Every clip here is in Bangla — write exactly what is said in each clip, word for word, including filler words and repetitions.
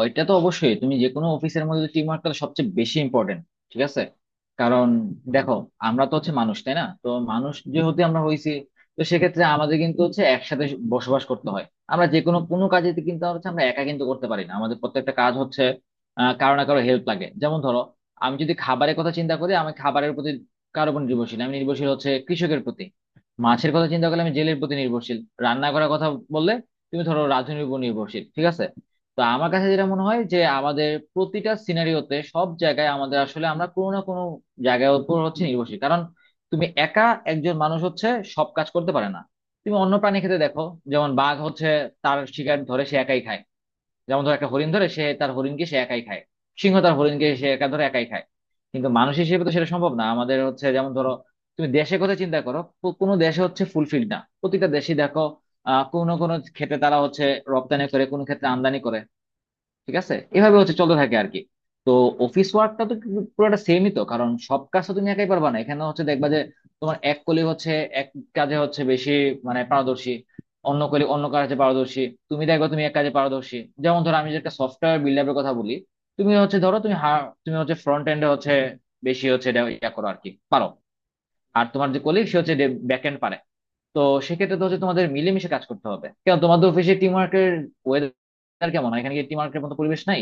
ওইটা তো অবশ্যই। তুমি যে কোনো অফিসের মধ্যে টিম ওয়ার্কটা সবচেয়ে বেশি ইম্পর্টেন্ট। ঠিক আছে, কারণ দেখো, আমরা তো হচ্ছে মানুষ, তাই না? তো মানুষ যেহেতু আমরা হইছি, তো সেক্ষেত্রে আমাদের কিন্তু হচ্ছে একসাথে বসবাস করতে হয়। আমরা যে কোনো কোনো কাজে কিন্তু হচ্ছে আমরা একা কিন্তু করতে পারি না। আমাদের প্রত্যেকটা কাজ হচ্ছে আহ কারো না কারো হেল্প লাগে। যেমন ধরো, আমি যদি খাবারের কথা চিন্তা করি, আমি খাবারের প্রতি কারো উপর নির্ভরশীল। আমি নির্ভরশীল হচ্ছে কৃষকের প্রতি। মাছের কথা চিন্তা করলে আমি জেলের প্রতি নির্ভরশীল। রান্না করার কথা বললে তুমি ধরো রাঁধুনির উপর নির্ভরশীল। ঠিক আছে, তো আমার কাছে যেটা মনে হয় যে আমাদের প্রতিটা সিনারিওতে সব জায়গায় আমাদের আসলে আমরা কোনো না কোনো জায়গার উপর হচ্ছে নির্ভরশীল। কারণ তুমি একা একজন মানুষ হচ্ছে সব কাজ করতে পারে না। তুমি অন্য প্রাণী ক্ষেত্রে দেখো, যেমন বাঘ হচ্ছে তার শিকার ধরে সে একাই খায়। যেমন ধর, একটা হরিণ ধরে সে তার হরিণকে সে একাই খায়। সিংহ তার হরিণকে সে একা ধরে একাই খায়। কিন্তু মানুষ হিসেবে তো সেটা সম্ভব না। আমাদের হচ্ছে যেমন ধরো, তুমি দেশের কথা চিন্তা করো, কো- কোনো দেশে হচ্ছে ফুলফিল না, প্রতিটা দেশে দেখো আহ কোনো না কোনো ক্ষেত্রে তারা হচ্ছে রপ্তানি করে, কোনো ক্ষেত্রে আমদানি করে। ঠিক আছে, এভাবে হচ্ছে চলতে থাকে আর কি। তো অফিস ওয়ার্কটা তো কিন্তু পুরোটা সেমই তো। কারণ সব কাজ তো তুমি একাই পারবা না। এখানে হচ্ছে দেখবা যে তোমার এক কলিগ হচ্ছে এক কাজে হচ্ছে বেশি মানে পারদর্শী, অন্য কলিগ অন্য কাজে পারদর্শী। তুমি দেখবা তুমি এক কাজে পারদর্শী। যেমন ধরো, আমি যে একটা সফটওয়্যার বিল্ড আপের কথা বলি, তুমি হচ্ছে ধরো তুমি হা- তুমি হচ্ছে ফ্রন্ট এন্ডে হচ্ছে বেশি হচ্ছে এটা ইয়া করো আর কি, পারো। আর তোমার যে কলিগ সে হচ্ছে ব্যাক এন্ড পারে। তো সেক্ষেত্রে তো হচ্ছে তোমাদের মিলেমিশে কাজ করতে হবে। কেন, তোমাদের অফিসে টিম ওয়ার্কের ওয়েদার কেমন? এখানে কি টিম ওয়ার্কের মতো পরিবেশ নাই?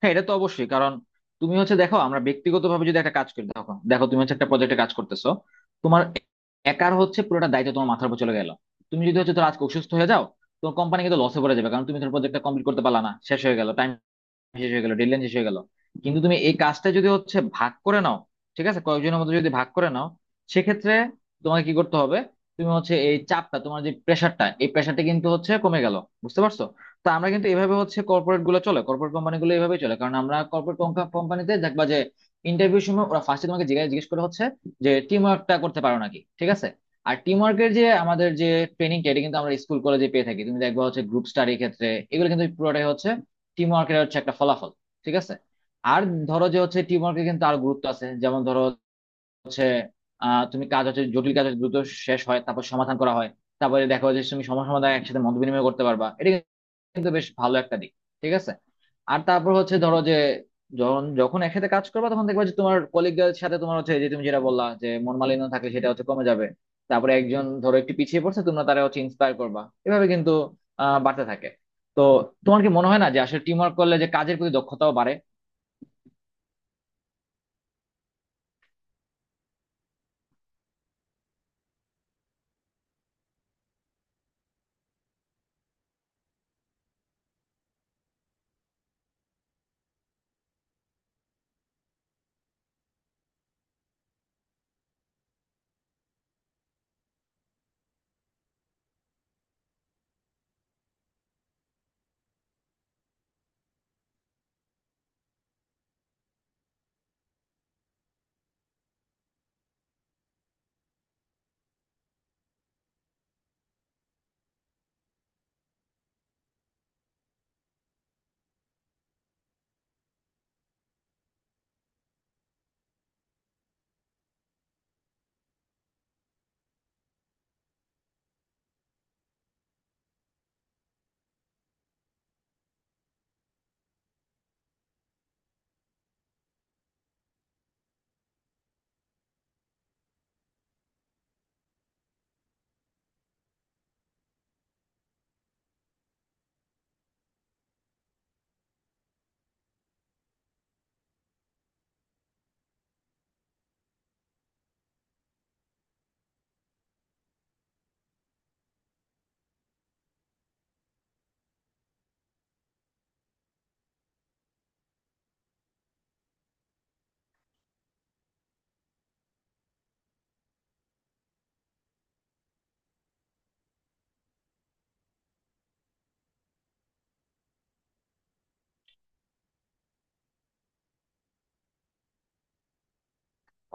হ্যাঁ, এটা তো অবশ্যই। কারণ তুমি হচ্ছে দেখো, আমরা ব্যক্তিগতভাবে যদি একটা কাজ করি, তখন দেখো তুমি হচ্ছে একটা প্রজেক্টে কাজ করতেছো, তোমার একার হচ্ছে পুরোটা দায়িত্ব তোমার মাথার উপর চলে গেল। তুমি যদি হচ্ছে ধরো আজকে অসুস্থ হয়ে যাও, তোমার কোম্পানি কিন্তু লসে পড়ে যাবে, কারণ তুমি তোমার প্রজেক্টটা কমপ্লিট করতে পারলা না, শেষ হয়ে গেল টাইম, শেষ হয়ে গেল ডেডলাইন, শেষ হয়ে গেল। কিন্তু তুমি এই কাজটা যদি হচ্ছে ভাগ করে নাও, ঠিক আছে, কয়েকজনের মধ্যে যদি ভাগ করে নাও, সেক্ষেত্রে তোমাকে কি করতে হবে, তুমি হচ্ছে এই চাপটা, তোমার যে প্রেশারটা, এই প্রেশারটা কিন্তু হচ্ছে কমে গেল। বুঝতে পারছো? তো আমরা কিন্তু এভাবে হচ্ছে কর্পোরেট গুলো চলে, কর্পোরেট কোম্পানি গুলো এভাবে চলে। কারণ আমরা কর্পোরেট কোম্পানিতে দেখবা যে ইন্টারভিউ সময় ওরা ফার্স্টে তোমাকে জিজ্ঞাসা জিজ্ঞেস করে হচ্ছে যে টিম ওয়ার্কটা করতে পারো নাকি। ঠিক আছে, আর টিম ওয়ার্কের যে আমাদের যে ট্রেনিংটা, এটা কিন্তু আমরা স্কুল কলেজে পেয়ে থাকি। তুমি দেখবা হচ্ছে গ্রুপ স্টাডির ক্ষেত্রে এগুলো কিন্তু পুরোটাই হচ্ছে টিম ওয়ার্কের হচ্ছে একটা ফলাফল। ঠিক আছে, আর ধরো যে হচ্ছে টিম ওয়ার্কের কিন্তু আরো গুরুত্ব আছে। যেমন ধরো হচ্ছে, আহ তুমি কাজ হচ্ছে, জটিল কাজ হচ্ছে দ্রুত শেষ হয়, তারপর সমাধান করা হয়। তারপরে দেখো যে তুমি সমস্যা সমাধান একসাথে মত বিনিময় করতে পারবা, এটা কিন্তু বেশ ভালো একটা দিক। ঠিক আছে, আর তারপর হচ্ছে ধরো যে যখন যখন একসাথে কাজ করবে, তখন দেখবে যে তোমার কলিগদের সাথে তোমার হচ্ছে, এই যে তুমি যেটা বললা যে মন মালিন্য থাকলে, সেটা হচ্ছে কমে যাবে। তারপরে একজন ধরো একটু পিছিয়ে পড়ছে, তোমরা তারা হচ্ছে ইন্সপায়ার করবা। এভাবে কিন্তু আহ বাড়তে থাকে। তো তোমার কি মনে হয় না যে আসলে টিম ওয়ার্ক করলে যে কাজের প্রতি দক্ষতাও বাড়ে?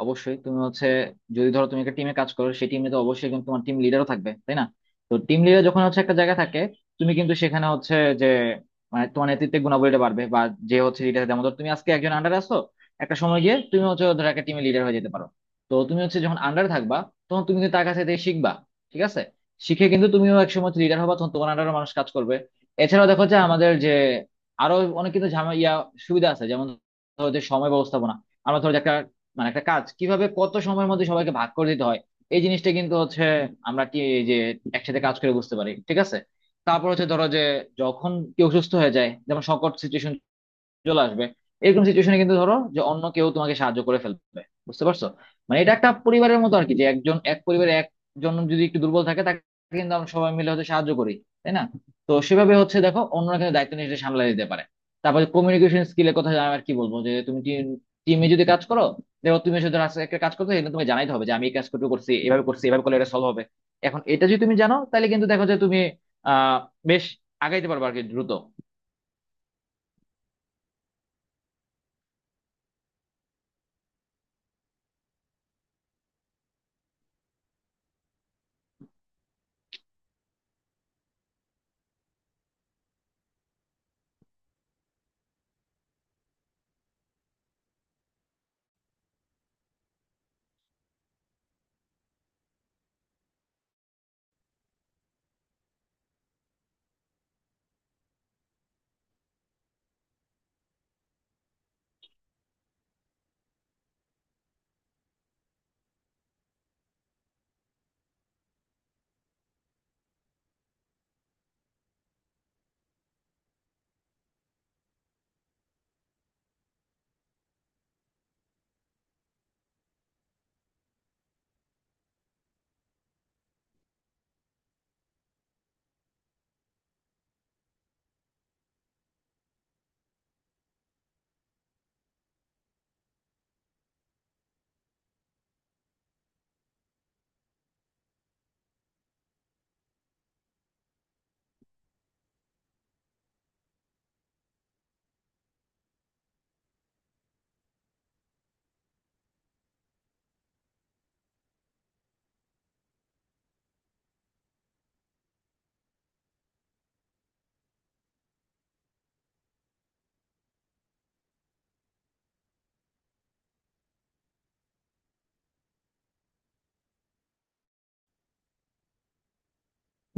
অবশ্যই। তুমি হচ্ছে যদি ধরো তুমি একটা টিমে কাজ করো, সেই টিমে তো অবশ্যই কিন্তু তোমার টিম লিডারও থাকবে, তাই না? তো টিম লিডার যখন হচ্ছে একটা জায়গায় থাকে, তুমি কিন্তু সেখানে হচ্ছে যে মানে তোমার নেতৃত্বের গুণাবলীটা বাড়বে। বা যে হচ্ছে লিডার, যেমন ধরো তুমি আজকে একজন আন্ডার আছো, একটা সময় গিয়ে তুমি হচ্ছে ধরো একটা টিমে লিডার হয়ে যেতে পারো। তো তুমি হচ্ছে যখন আন্ডার থাকবা, তখন তুমি কিন্তু তার কাছে থেকে শিখবা। ঠিক আছে, শিখে কিন্তু তুমিও এক সময় লিডার হবা, তখন তোমার আন্ডারও মানুষ কাজ করবে। এছাড়াও দেখো যে আমাদের যে আরো অনেক কিন্তু ঝামেলা ইয়া সুবিধা আছে। যেমন ধরো যে সময় ব্যবস্থাপনা, আমরা ধরো যে একটা মানে একটা কাজ কিভাবে কত সময়ের মধ্যে সবাইকে ভাগ করে দিতে হয়, এই জিনিসটা কিন্তু হচ্ছে আমরা কি এই যে একসাথে কাজ করে বুঝতে পারি। ঠিক আছে, তারপর হচ্ছে ধরো যে যখন কেউ সুস্থ হয়ে যায়, যেমন সংকট সিচুয়েশন চলে আসবে, এরকম সিচুয়েশনে কিন্তু ধরো যে অন্য কেউ তোমাকে সাহায্য করে ফেলবে। বুঝতে পারছো? মানে এটা একটা পরিবারের মতো আর কি, যে একজন, এক পরিবারে একজন যদি একটু দুর্বল থাকে, তাকে কিন্তু আমরা সবাই মিলে হচ্ছে সাহায্য করি, তাই না? তো সেভাবে হচ্ছে দেখো, অন্যরা কিন্তু দায়িত্ব নিয়ে সেটা সামলাই দিতে পারে। তারপরে কমিউনিকেশন স্কিলের কথা আমি আর কি বলবো, যে তুমি টিমে যদি কাজ করো, দেখো তুমি এসে ধরো আজকে একটা কাজ করতে কিন্তু তোমাকে জানাইতে হবে যে আমি এই কাজটুকু করছি, এভাবে করছি, এভাবে করলে এটা সলভ হবে। এখন এটা যদি তুমি জানো, তাহলে কিন্তু দেখো যে তুমি আহ বেশ আগাইতে পারবে আর কি, দ্রুত।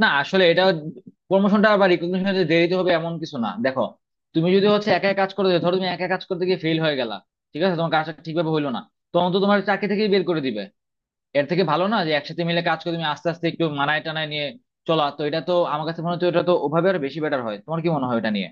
না, আসলে এটা প্রমোশনটা বা রিকগনিশনটা দেরিতে হবে এমন কিছু না। দেখো, তুমি যদি হচ্ছে একা কাজ করতে যাও, ধরো তুমি একা কাজ করতে গিয়ে ফেল হয়ে গেলা, ঠিক আছে, তোমার কাজটা ঠিকভাবে হইলো না, তখন তো তোমার চাকরি থেকেই বের করে দিবে। এর থেকে ভালো না যে একসাথে মিলে কাজ করে তুমি আস্তে আস্তে একটু মানায় টানায় নিয়ে চলা? তো এটা তো আমার কাছে মনে হচ্ছে এটা তো ওভাবে আর বেশি বেটার হয়। তোমার কি মনে হয় এটা নিয়ে?